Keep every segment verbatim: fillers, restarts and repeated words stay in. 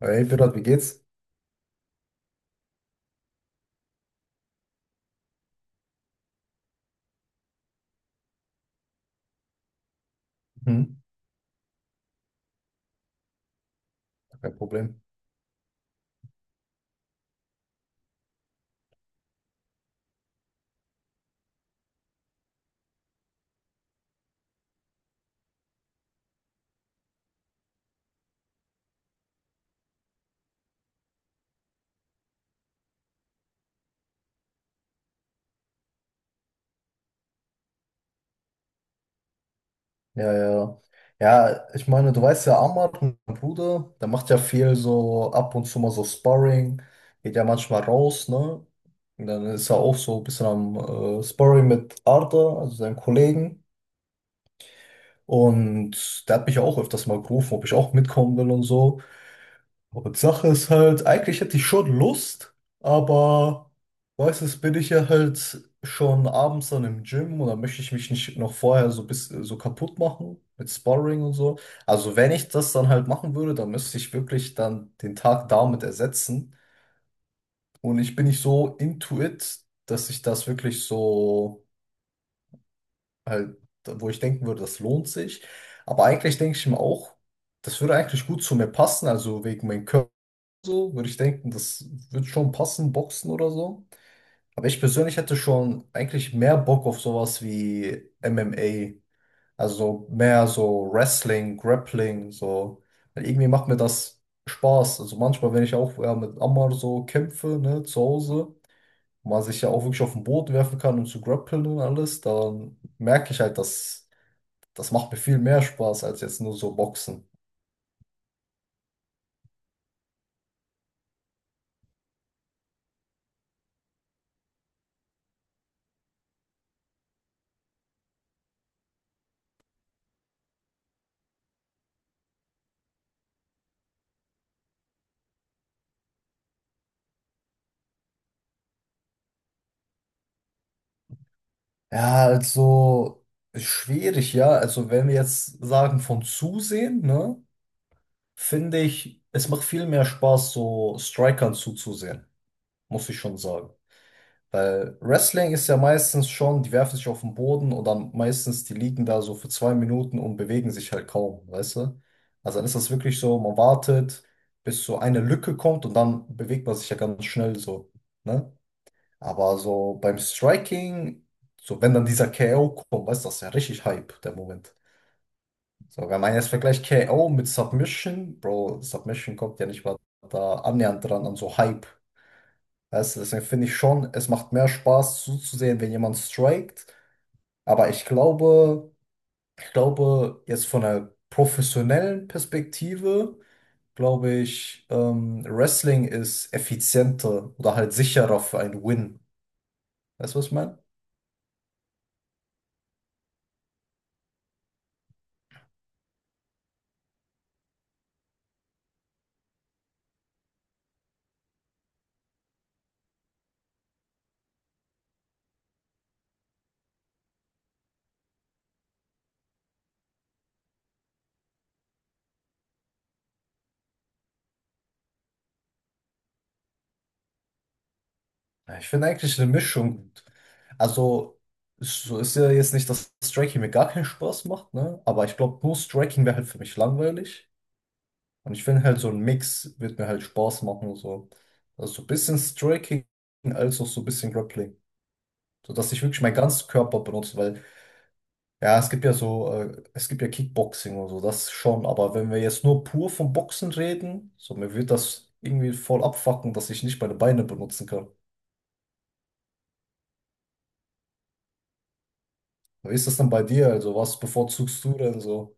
Hey, Pirat, wie geht's? Hm? Kein Problem. Ja, ja, ja. Ja, ich meine, du weißt ja, Amar, mein Bruder, der macht ja viel so ab und zu mal so Sparring, geht ja manchmal raus, ne? Und dann ist er auch so ein bisschen am äh, Sparring mit Arda, also seinem Kollegen. Und der hat mich ja auch öfters mal gerufen, ob ich auch mitkommen will und so. Und Sache ist halt, eigentlich hätte ich schon Lust, aber weißt du, bin ich ja halt schon abends dann im Gym und dann möchte ich mich nicht noch vorher so bis so kaputt machen mit Sparring und so. Also wenn ich das dann halt machen würde, dann müsste ich wirklich dann den Tag damit ersetzen. Und ich bin nicht so into it, dass ich das wirklich so halt, wo ich denken würde, das lohnt sich. Aber eigentlich denke ich mir auch, das würde eigentlich gut zu mir passen, also wegen meinem Körper so, würde ich denken, das wird schon passen, Boxen oder so. Aber ich persönlich hätte schon eigentlich mehr Bock auf sowas wie M M A. Also so mehr so Wrestling, Grappling, so. Weil irgendwie macht mir das Spaß. Also manchmal, wenn ich auch ja, mit Ammar so kämpfe, ne, zu Hause, wo man sich ja auch wirklich auf den Boden werfen kann und zu grappeln und alles, dann merke ich halt, dass das macht mir viel mehr Spaß als jetzt nur so Boxen. Ja, also schwierig, ja. Also wenn wir jetzt sagen von zusehen, ne, finde ich, es macht viel mehr Spaß, so Strikern zuzusehen, muss ich schon sagen. Weil Wrestling ist ja meistens schon, die werfen sich auf den Boden und dann meistens, die liegen da so für zwei Minuten und bewegen sich halt kaum, weißt du? Also dann ist das wirklich so, man wartet, bis so eine Lücke kommt und dann bewegt man sich ja ganz schnell so, ne? Aber so beim Striking, so wenn dann dieser K O kommt, weißt du, das ist ja richtig Hype, der Moment. So, wenn man jetzt vergleicht K O mit Submission, Bro, Submission kommt ja nicht mal da annähernd dran an so Hype. Weißt du, deswegen finde ich schon, es macht mehr Spaß zuzusehen, wenn jemand strikt. Aber ich glaube, ich glaube, jetzt von einer professionellen Perspektive, glaube ich, ähm, Wrestling ist effizienter oder halt sicherer für einen Win. Weißt du, was ich meine? Ja, ich finde eigentlich eine Mischung gut. Also, so ist ja jetzt nicht, dass Striking mir gar keinen Spaß macht, ne? Aber ich glaube, nur Striking wäre halt für mich langweilig. Und ich finde halt, so ein Mix wird mir halt Spaß machen. So. Also so ein bisschen Striking als auch so ein bisschen Grappling. So dass ich wirklich meinen ganzen Körper benutze, weil, ja, es gibt ja so, äh, es gibt ja Kickboxing und so, das schon. Aber wenn wir jetzt nur pur vom Boxen reden, so mir wird das irgendwie voll abfucken, dass ich nicht meine Beine benutzen kann. Wie ist das denn bei dir? Also, was bevorzugst du denn so?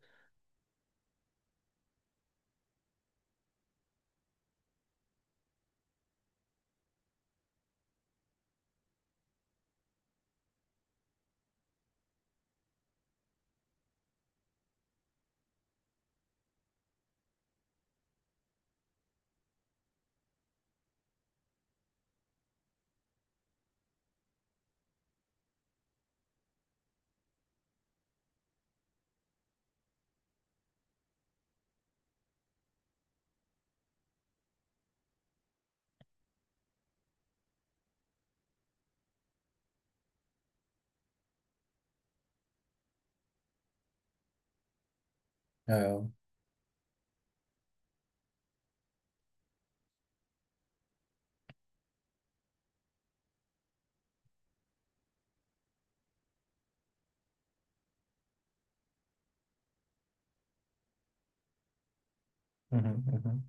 Ja, ja. Mhm, mhm,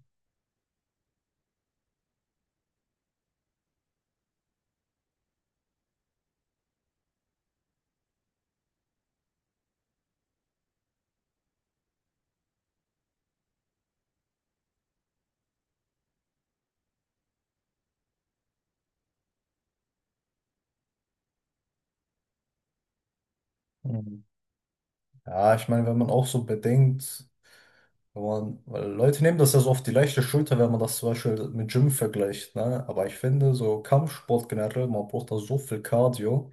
mhm. Ja, ich meine, wenn man auch so bedenkt, wenn man, weil Leute nehmen das ja so auf die leichte Schulter, wenn man das zum Beispiel mit Gym vergleicht, ne? Aber ich finde, so Kampfsport generell, man braucht da so viel Cardio.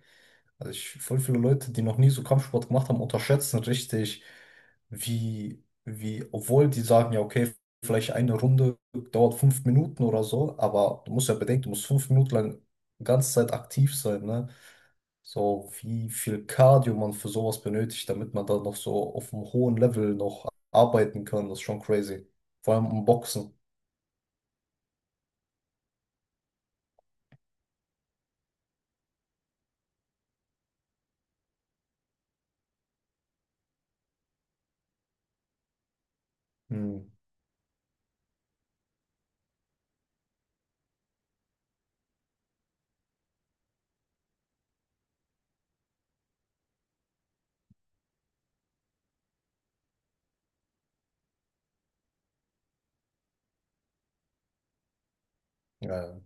Also ich, voll viele Leute, die noch nie so Kampfsport gemacht haben, unterschätzen richtig, wie, wie, obwohl die sagen, ja, okay, vielleicht eine Runde dauert fünf Minuten oder so, aber du musst ja bedenken, du musst fünf Minuten lang die ganze Zeit aktiv sein, ne? So, wie viel Cardio man für sowas benötigt, damit man da noch so auf einem hohen Level noch arbeiten kann, das ist schon crazy. Vor allem im Boxen. Hm. Ja, ja.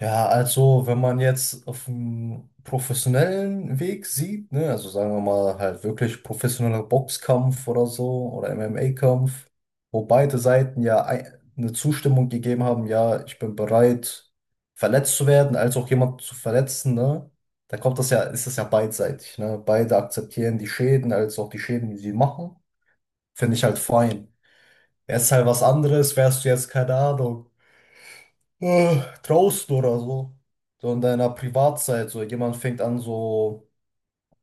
Ja, also wenn man jetzt auf dem professionellen Weg sieht, ne, also sagen wir mal halt wirklich professioneller Boxkampf oder so oder M M A-Kampf, wo beide Seiten ja ei- eine Zustimmung gegeben haben, ja, ich bin bereit, verletzt zu werden, als auch jemand zu verletzen, ne, da kommt das ja, ist das ja beidseitig, ne, beide akzeptieren die Schäden, als auch die Schäden, die sie machen, finde ich halt fein. Wäre es halt was anderes, wärst du jetzt, keine Ahnung äh, draußen oder so. So in deiner Privatzeit, so jemand fängt an, so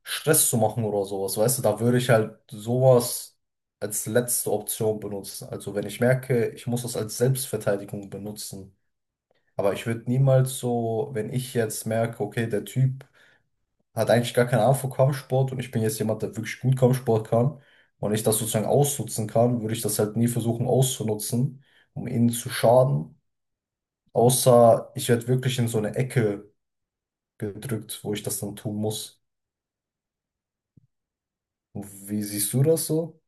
Stress zu machen oder sowas, weißt du, da würde ich halt sowas als letzte Option benutzen. Also wenn ich merke, ich muss das als Selbstverteidigung benutzen. Aber ich würde niemals so, wenn ich jetzt merke, okay, der Typ hat eigentlich gar keine Ahnung von Kampfsport und ich bin jetzt jemand, der wirklich gut Kampfsport kann und ich das sozusagen ausnutzen kann, würde ich das halt nie versuchen auszunutzen, um ihnen zu schaden. Außer ich werde wirklich in so eine Ecke gedrückt, wo ich das dann tun muss. Wie siehst du das so?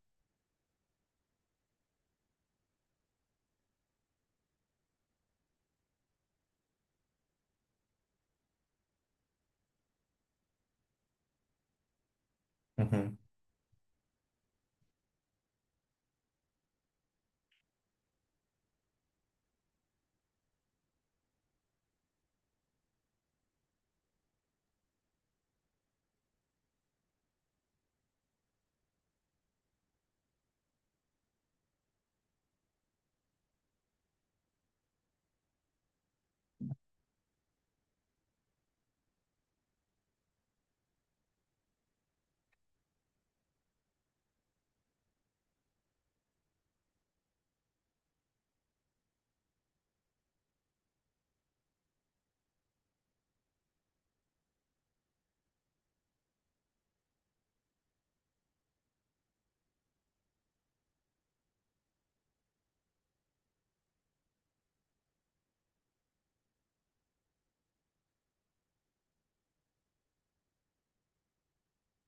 Mhm.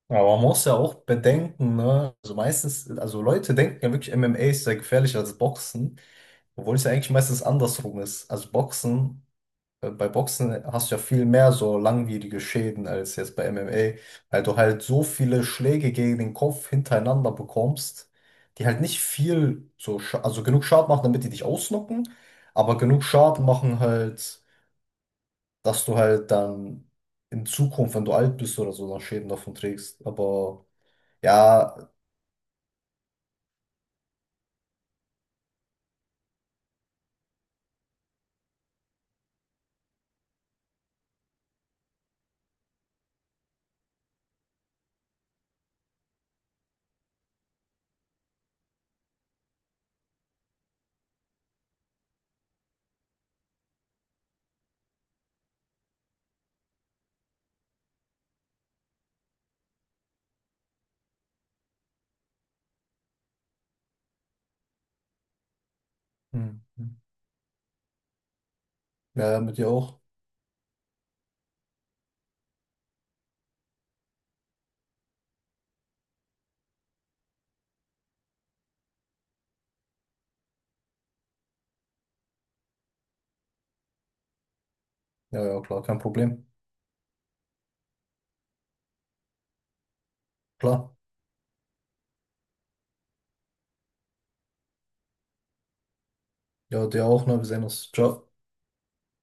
Aber man muss ja auch bedenken, ne? Also meistens, also Leute denken ja wirklich, M M A ist sehr gefährlich als Boxen, obwohl es ja eigentlich meistens andersrum ist. Also Boxen, äh, bei Boxen hast du ja viel mehr so langwierige Schäden als jetzt bei M M A, weil du halt so viele Schläge gegen den Kopf hintereinander bekommst, die halt nicht viel so, scha- also genug Schaden machen, damit die dich ausnocken, aber genug Schaden machen halt. Dass du halt dann in Zukunft, wenn du alt bist oder so, dann Schäden davon trägst. Aber ja, Hm. Hm. Ja, ja, mit dir auch. Ja, ja, klar, kein Problem. Klar. Ja, dir auch, ne? Wir sehen uns. Ciao.